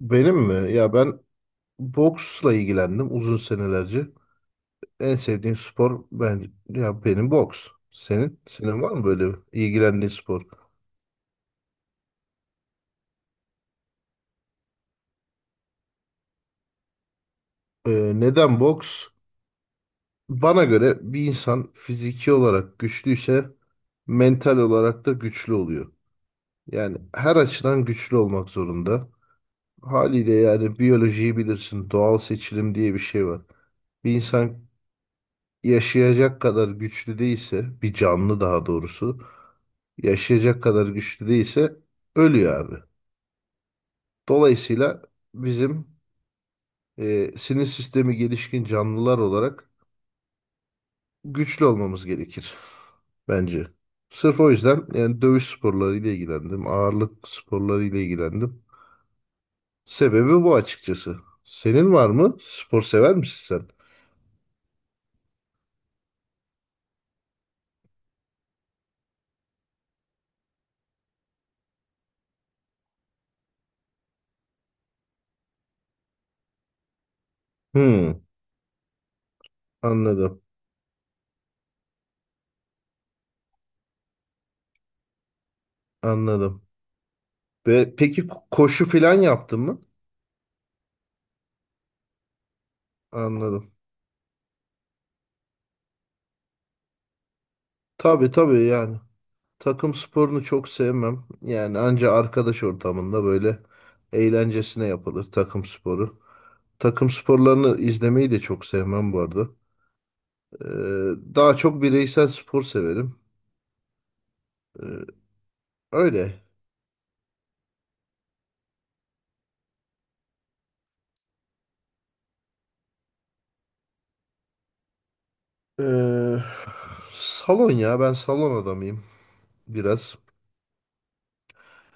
Benim mi? Ya ben boksla ilgilendim uzun senelerce. En sevdiğim spor benim boks. Senin? Senin var mı böyle ilgilendiğin spor? Neden boks? Bana göre bir insan fiziki olarak güçlüyse mental olarak da güçlü oluyor. Yani her açıdan güçlü olmak zorunda. Haliyle yani biyolojiyi bilirsin. Doğal seçilim diye bir şey var. Bir insan yaşayacak kadar güçlü değilse, bir canlı daha doğrusu yaşayacak kadar güçlü değilse ölüyor abi. Dolayısıyla bizim sinir sistemi gelişkin canlılar olarak güçlü olmamız gerekir bence. Sırf o yüzden yani dövüş sporlarıyla ilgilendim, ağırlık sporlarıyla ilgilendim. Sebebi bu açıkçası. Senin var mı? Spor sever misin sen? Hmm, anladım, anladım. Ve peki koşu falan yaptın mı? Anladım. Tabii tabii yani. Takım sporunu çok sevmem. Yani anca arkadaş ortamında böyle eğlencesine yapılır takım sporu. Takım sporlarını izlemeyi de çok sevmem bu arada. Ee, Daha çok bireysel spor severim. Ee, Öyle. Ee, Salon, ya ben salon adamıyım biraz.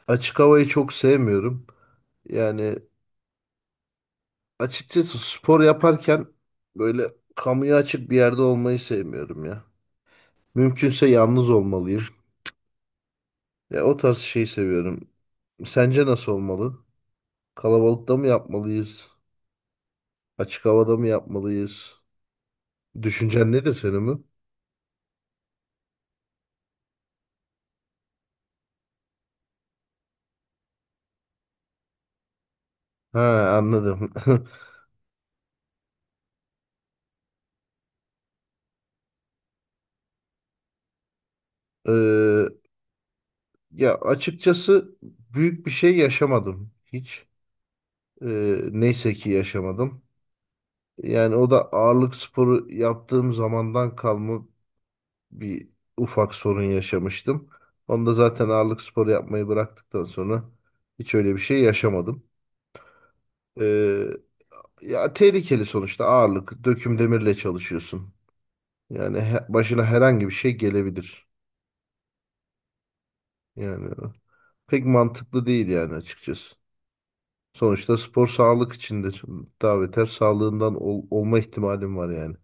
Açık havayı çok sevmiyorum. Yani açıkçası spor yaparken böyle kamuya açık bir yerde olmayı sevmiyorum ya. Mümkünse yalnız olmalıyım. Ya o tarz şeyi seviyorum. Sence nasıl olmalı? Kalabalıkta mı yapmalıyız? Açık havada mı yapmalıyız? Düşüncen nedir senin mi? Ha, anladım. Ee, Ya açıkçası büyük bir şey yaşamadım hiç. Neyse ki yaşamadım. Yani o da ağırlık sporu yaptığım zamandan kalma bir ufak sorun yaşamıştım. Onu da zaten ağırlık sporu yapmayı bıraktıktan sonra hiç öyle bir şey yaşamadım. Ee, Ya tehlikeli sonuçta ağırlık. Döküm demirle çalışıyorsun. Yani başına herhangi bir şey gelebilir. Yani pek mantıklı değil yani açıkçası. Sonuçta spor sağlık içindir. Daha beter sağlığından olma ihtimalim var yani.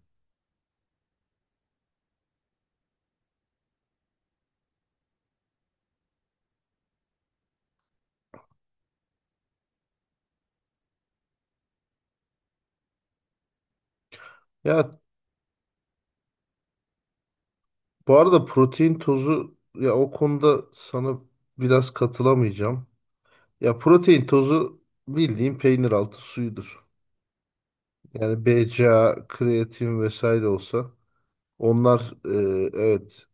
Ya bu arada protein tozu, ya o konuda sana biraz katılamayacağım. Ya protein tozu bildiğin peynir altı suyudur. Yani BCAA, kreatin vesaire olsa onlar evet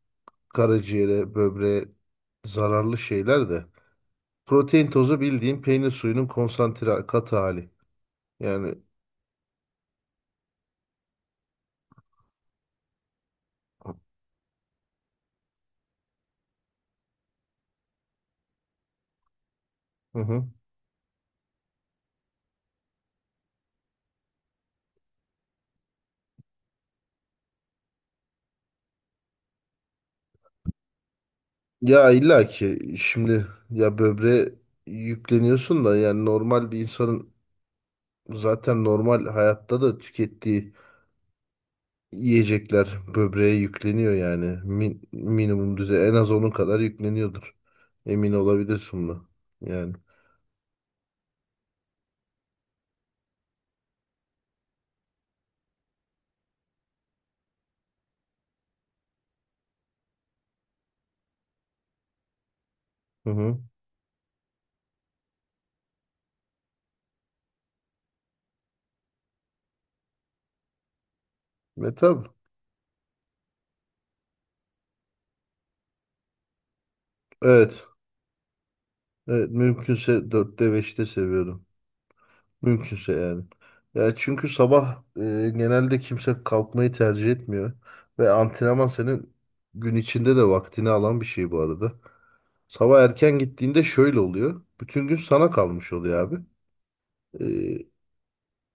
karaciğere, böbreğe zararlı şeyler de. Protein tozu bildiğin peynir suyunun konsantre katı hali. Yani hı hı. Ya illa ki şimdi ya böbreğe yükleniyorsun da yani normal bir insanın zaten normal hayatta da tükettiği yiyecekler böbreğe yükleniyor yani. Minimum düzey en az onun kadar yükleniyordur. Emin olabilirsin buna. Yani. Hı hı. Ve tabii. Evet. Evet, mümkünse dörtte beşte seviyorum. Mümkünse yani. Ya çünkü sabah genelde kimse kalkmayı tercih etmiyor. Ve antrenman senin gün içinde de vaktini alan bir şey bu arada. Sabah erken gittiğinde şöyle oluyor. Bütün gün sana kalmış oluyor abi. E,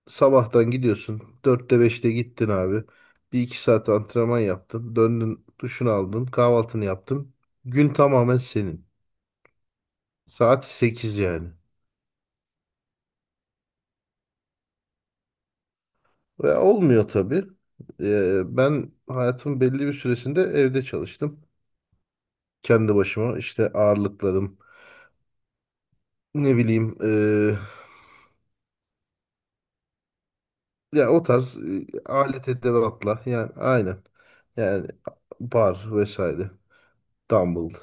Sabahtan gidiyorsun, dörtte beşte gittin abi. Bir iki saat antrenman yaptın. Döndün, duşunu aldın. Kahvaltını yaptın. Gün tamamen senin. Saat 8 yani. Ve olmuyor tabii. Ben hayatımın belli bir süresinde evde çalıştım. Kendi başıma işte ağırlıklarım, ne bileyim ya o tarz alet edevatla yani aynen. Yani bar vesaire, dumbbell,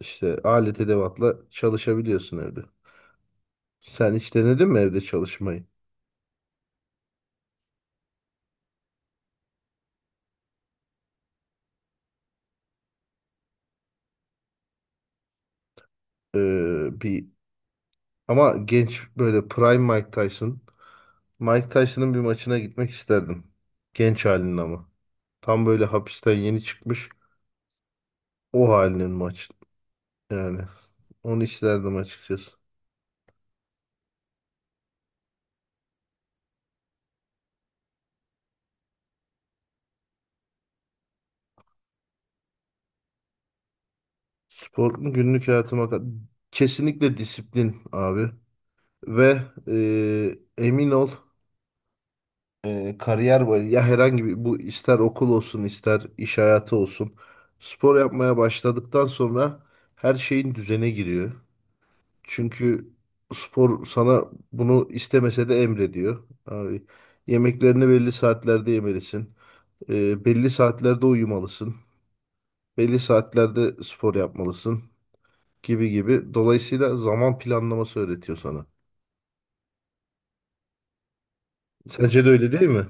işte alet edevatla çalışabiliyorsun evde. Sen hiç denedin mi evde çalışmayı? Bir ama genç böyle prime Mike Tyson, Mike Tyson'ın bir maçına gitmek isterdim. Genç halinin ama. Tam böyle hapisten yeni çıkmış o halinin maç yani. Onu isterdim açıkçası. Spor mu günlük hayatıma kesinlikle disiplin abi ve emin ol, kariyer boyu ya, herhangi bir, bu ister okul olsun ister iş hayatı olsun, spor yapmaya başladıktan sonra her şeyin düzene giriyor. Çünkü spor sana bunu istemese de emrediyor. Abi, yemeklerini belli saatlerde yemelisin. Belli saatlerde uyumalısın. Belli saatlerde spor yapmalısın gibi gibi. Dolayısıyla zaman planlaması öğretiyor sana. Sence de öyle değil mi?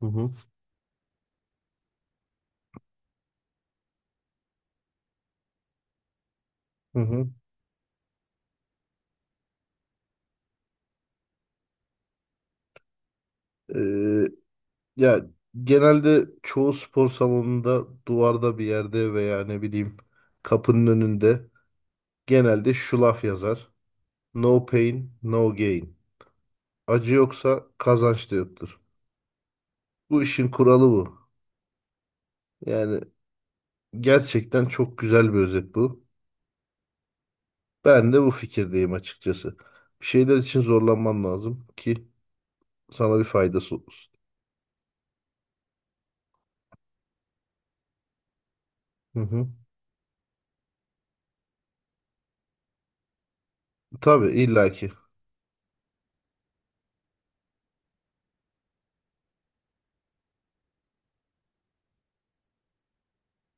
Hı hı. Hı hı. Ee, Ya genelde çoğu spor salonunda duvarda bir yerde veya ne bileyim kapının önünde genelde şu laf yazar. No pain, no gain. Acı yoksa kazanç da yoktur. Bu işin kuralı bu. Yani gerçekten çok güzel bir özet bu. Ben de bu fikirdeyim açıkçası. Bir şeyler için zorlanman lazım ki sana bir faydası olsun. Hı hı. Tabii illaki.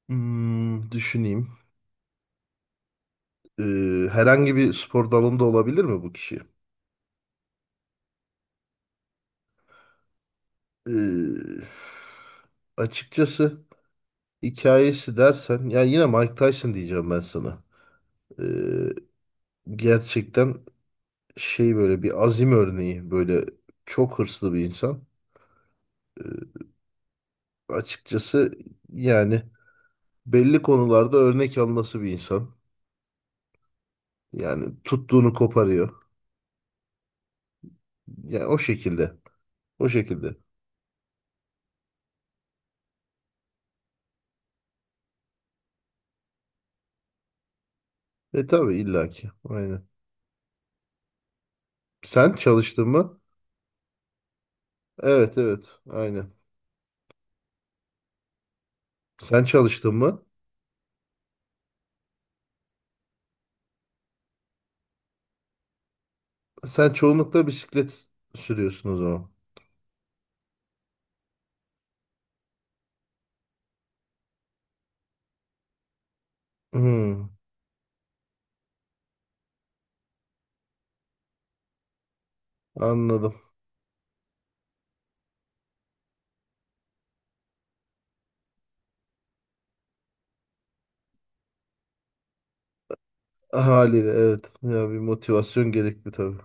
Hmm, düşüneyim. Ee, Herhangi bir spor dalında olabilir mi bu kişi? Ee, Açıkçası hikayesi dersen, yani yine Mike Tyson diyeceğim ben sana. Ee, Gerçekten şey böyle bir azim örneği, böyle çok hırslı bir insan. Ee, Açıkçası yani belli konularda örnek alınası bir insan. Yani tuttuğunu koparıyor. Yani o şekilde. O şekilde. E tabii illaki. Aynen. Sen çalıştın mı? Evet evet. Aynen. Sen çalıştın mı? Sen çoğunlukla bisiklet sürüyorsun o zaman. Hmm, anladım. Haliyle evet. Ya bir motivasyon gerekli tabii.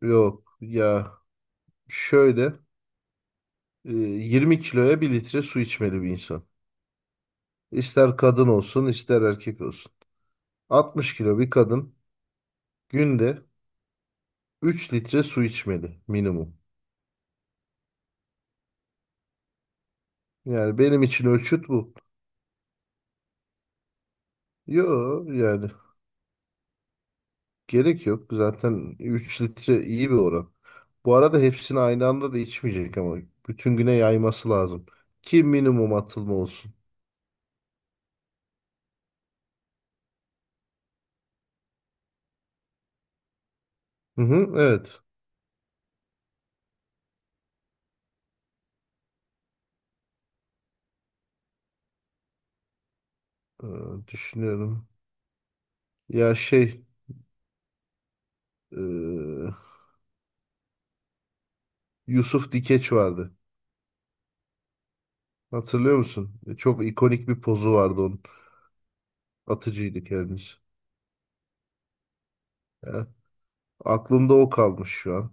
Yok ya, şöyle 20 kiloya bir litre su içmeli bir insan. İster kadın olsun ister erkek olsun. 60 kilo bir kadın günde 3 litre su içmeli minimum. Yani benim için ölçüt bu. Yo yani gerek yok. Zaten 3 litre iyi bir oran. Bu arada hepsini aynı anda da içmeyecek ama bütün güne yayması lazım. Ki minimum atılma olsun. Hı hı, evet. Ee, Düşünüyorum. Ya şey, e, Yusuf Dikeç vardı. Hatırlıyor musun? E, çok ikonik bir pozu vardı onun. Atıcıydı kendisi. Ya, aklımda o kalmış şu an.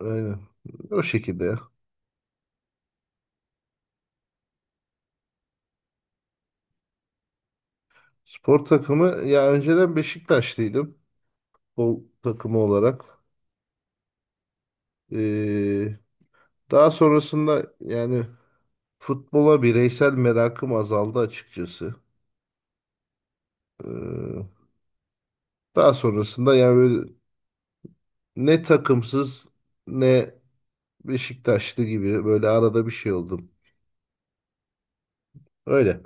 Aynen. O şekilde ya. Spor takımı, ya önceden Beşiktaşlıydım, futbol takımı olarak. Ee, Daha sonrasında yani futbola bireysel merakım azaldı açıkçası. Ee, Daha sonrasında yani böyle ne takımsız ne Beşiktaşlı gibi, böyle arada bir şey oldum. Öyle.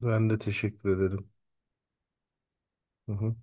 Ben de teşekkür ederim. Hı hı.